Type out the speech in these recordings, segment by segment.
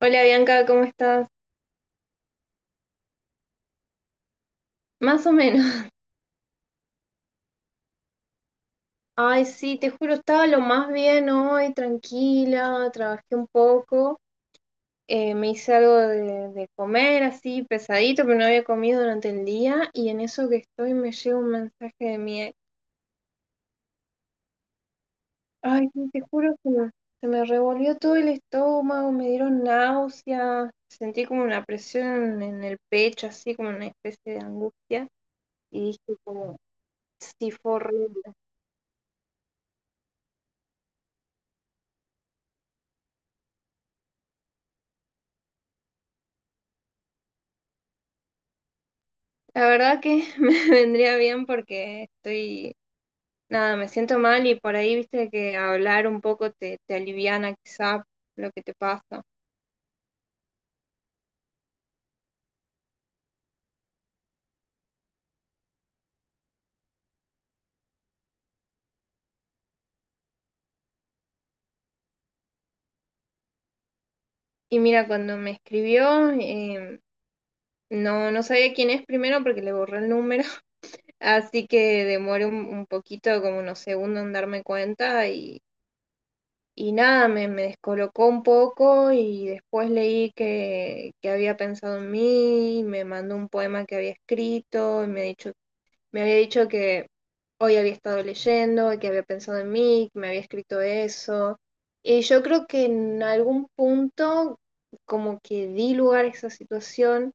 Hola Bianca, ¿cómo estás? Más o menos. Ay, sí, te juro, estaba lo más bien hoy, tranquila, trabajé un poco, me hice algo de comer así, pesadito, pero no había comido durante el día y en eso que estoy me llega un mensaje de mi ex. Ay, sí, te juro que se me revolvió todo el estómago, me dieron náuseas, sentí como una presión en el pecho, así como una especie de angustia y dije como, sí, fue horrible. La verdad que me vendría bien porque estoy, nada, me siento mal y por ahí viste que hablar un poco te aliviana quizá lo que te pasa. Y mira, cuando me escribió, no sabía quién es primero porque le borré el número, así que demoré un poquito, como unos segundos en darme cuenta y nada, me descolocó un poco y después leí que había pensado en mí, y me mandó un poema que había escrito, y me, ha dicho, me había dicho que hoy había estado leyendo, que había pensado en mí, que me había escrito eso. Y yo creo que en algún punto como que di lugar a esa situación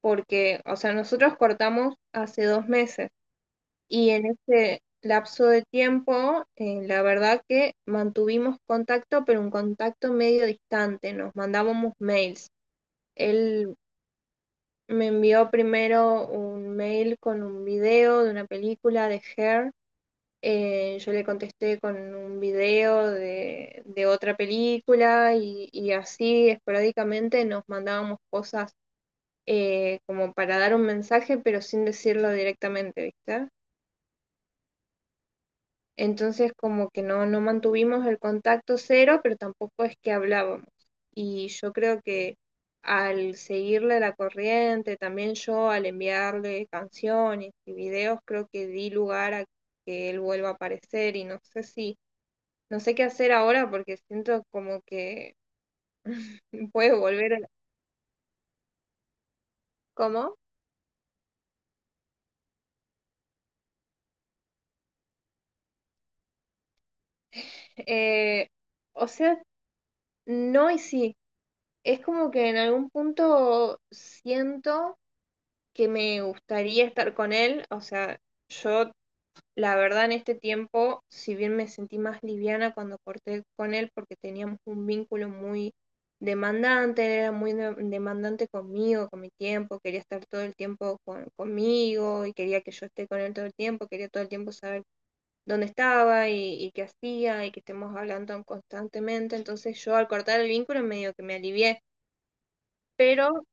porque, o sea, nosotros cortamos hace dos meses. Y en ese lapso de tiempo, la verdad que mantuvimos contacto, pero un contacto medio distante, nos mandábamos mails. Él me envió primero un mail con un video de una película de Her. Yo le contesté con un video de otra película y así esporádicamente nos mandábamos cosas como para dar un mensaje, pero sin decirlo directamente, ¿viste? Entonces como que no mantuvimos el contacto cero, pero tampoco es que hablábamos. Y yo creo que al seguirle la corriente, también yo al enviarle canciones y videos, creo que di lugar a que él vuelva a aparecer y no sé no sé qué hacer ahora porque siento como que puede volver a... ¿Cómo? Eh, o sea, no y sí. Es como que en algún punto siento que me gustaría estar con él. O sea, yo la verdad en este tiempo, si bien me sentí más liviana cuando corté con él porque teníamos un vínculo muy demandante, él era muy demandante conmigo, con mi tiempo, quería estar todo el tiempo conmigo y quería que yo esté con él todo el tiempo, quería todo el tiempo saber dónde estaba y qué hacía y que estemos hablando constantemente. Entonces yo al cortar el vínculo medio que me alivié, pero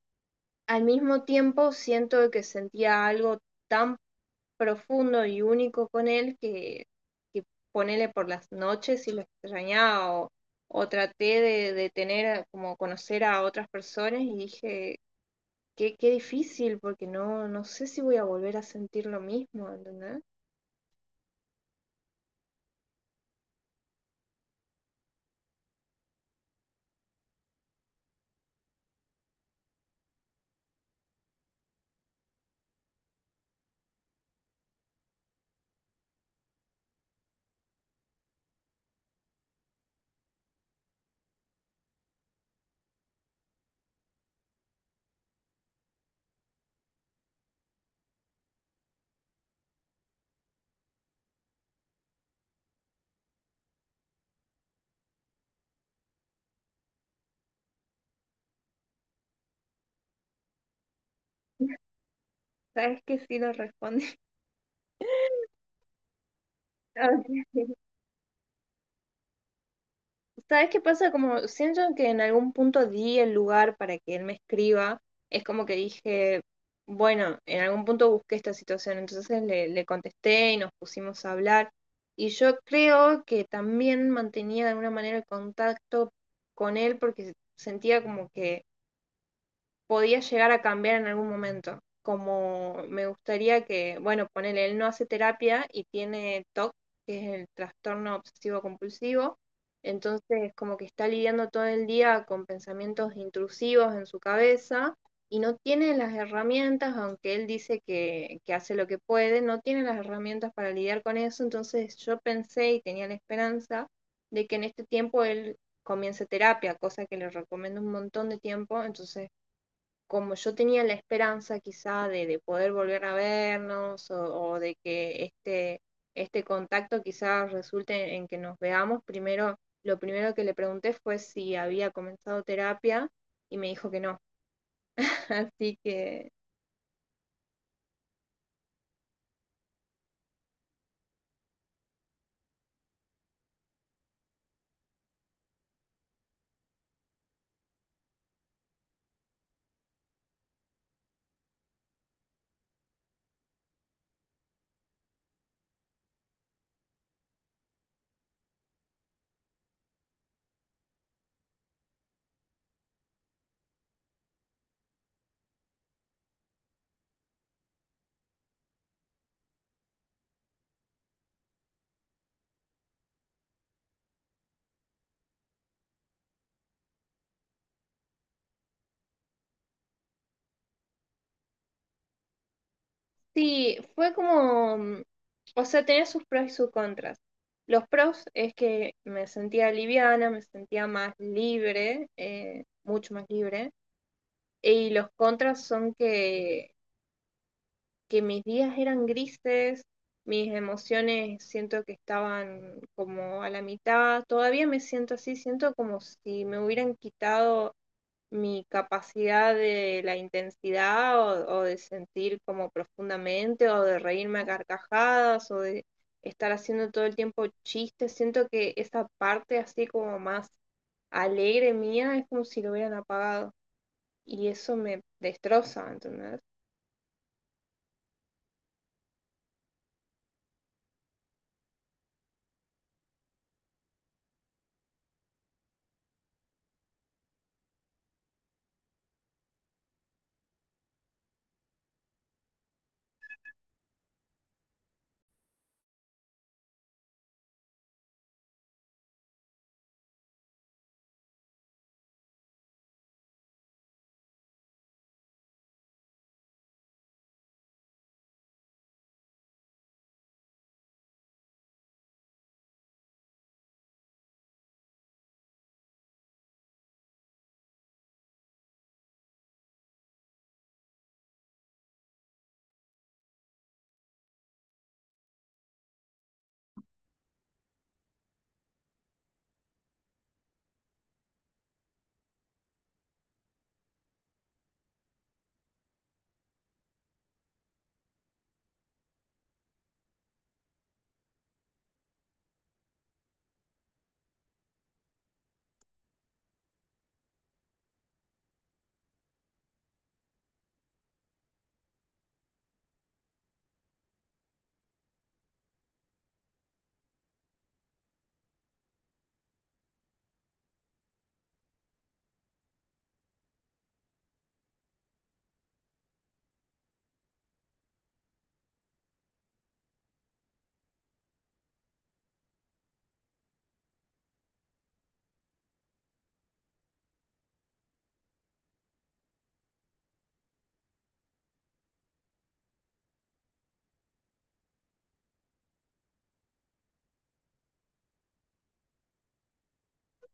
al mismo tiempo, siento que sentía algo tan profundo y único con él que ponele por las noches y lo extrañaba o traté de tener, como conocer a otras personas y dije, qué, qué difícil porque no, no sé si voy a volver a sentir lo mismo, ¿entendés? ¿Sabes que sí lo respondí? Ok. ¿Sabes qué pasa? Como siento que en algún punto di el lugar para que él me escriba. Es como que dije, bueno, en algún punto busqué esta situación. Entonces le contesté y nos pusimos a hablar. Y yo creo que también mantenía de alguna manera el contacto con él porque sentía como que podía llegar a cambiar en algún momento. Como me gustaría que, bueno, ponele, él no hace terapia y tiene TOC, que es el trastorno obsesivo compulsivo, entonces como que está lidiando todo el día con pensamientos intrusivos en su cabeza y no tiene las herramientas, aunque él dice que hace lo que puede, no tiene las herramientas para lidiar con eso, entonces yo pensé y tenía la esperanza de que en este tiempo él comience terapia, cosa que le recomiendo un montón de tiempo, entonces como yo tenía la esperanza quizá de poder volver a vernos o de que este contacto quizás resulte en que nos veamos, primero, lo primero que le pregunté fue si había comenzado terapia y me dijo que no. Así que sí, fue como, mm, o sea, tenía sus pros y sus contras. Los pros es que me sentía liviana, me sentía más libre, mucho más libre. Y los contras son que mis días eran grises, mis emociones siento que estaban como a la mitad, todavía me siento así, siento como si me hubieran quitado mi capacidad de la intensidad o de sentir como profundamente o de reírme a carcajadas o de estar haciendo todo el tiempo chistes, siento que esa parte así como más alegre mía es como si lo hubieran apagado y eso me destroza, ¿entendés?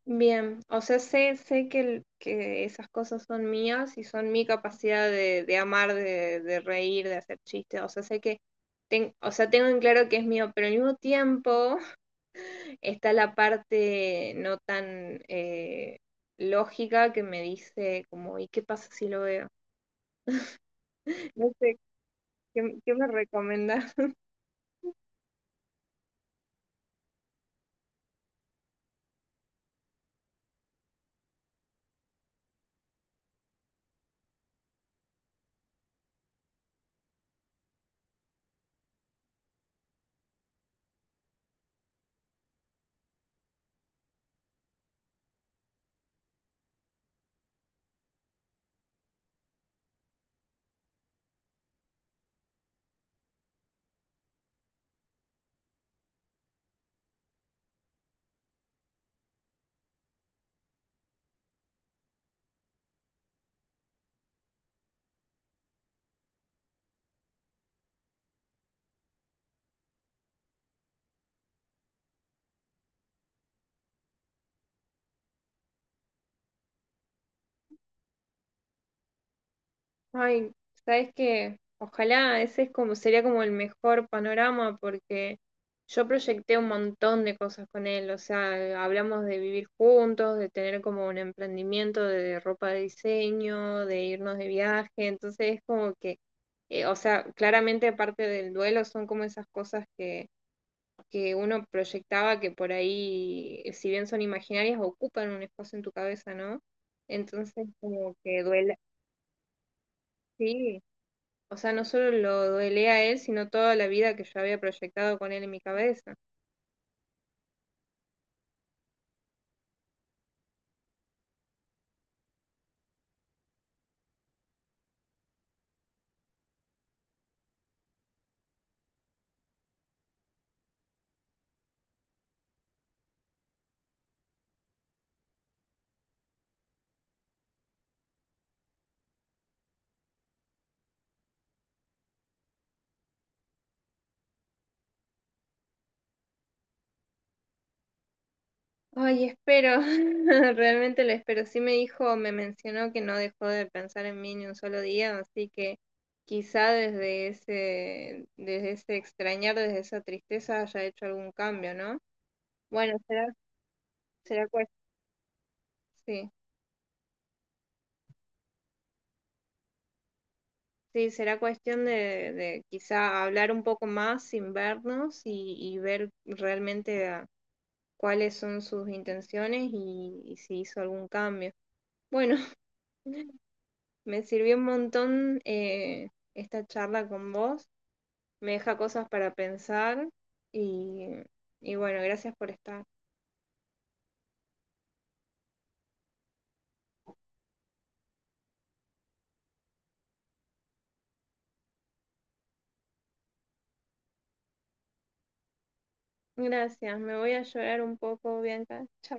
Bien, o sea, sé que, que esas cosas son mías y son mi capacidad de amar, de reír, de hacer chistes, o sea, sé que, o sea, tengo en claro que es mío, pero al mismo tiempo está la parte no tan lógica que me dice como, ¿y qué pasa si lo veo? No sé, ¿qué, qué me recomiendas? Ay, sabes que ojalá ese es como sería como el mejor panorama porque yo proyecté un montón de cosas con él, o sea, hablamos de vivir juntos, de tener como un emprendimiento de ropa de diseño, de irnos de viaje, entonces es como que, o sea, claramente parte del duelo son como esas cosas que uno proyectaba que por ahí, si bien son imaginarias, ocupan un espacio en tu cabeza, ¿no? Entonces como que duele, sí. O sea, no solo lo duele a él, sino toda la vida que yo había proyectado con él en mi cabeza. Ay, espero, realmente lo espero. Sí me dijo, me mencionó que no dejó de pensar en mí ni un solo día, así que quizá desde ese extrañar, desde esa tristeza haya hecho algún cambio, ¿no? Bueno, será, será cuestión, sí, sí, será cuestión de quizá hablar un poco más sin vernos y ver realmente cuáles son sus intenciones y si hizo algún cambio. Bueno, me sirvió un montón esta charla con vos, me deja cosas para pensar y, y bueno, gracias por estar. Gracias, me voy a llorar un poco, Bianca. Chao.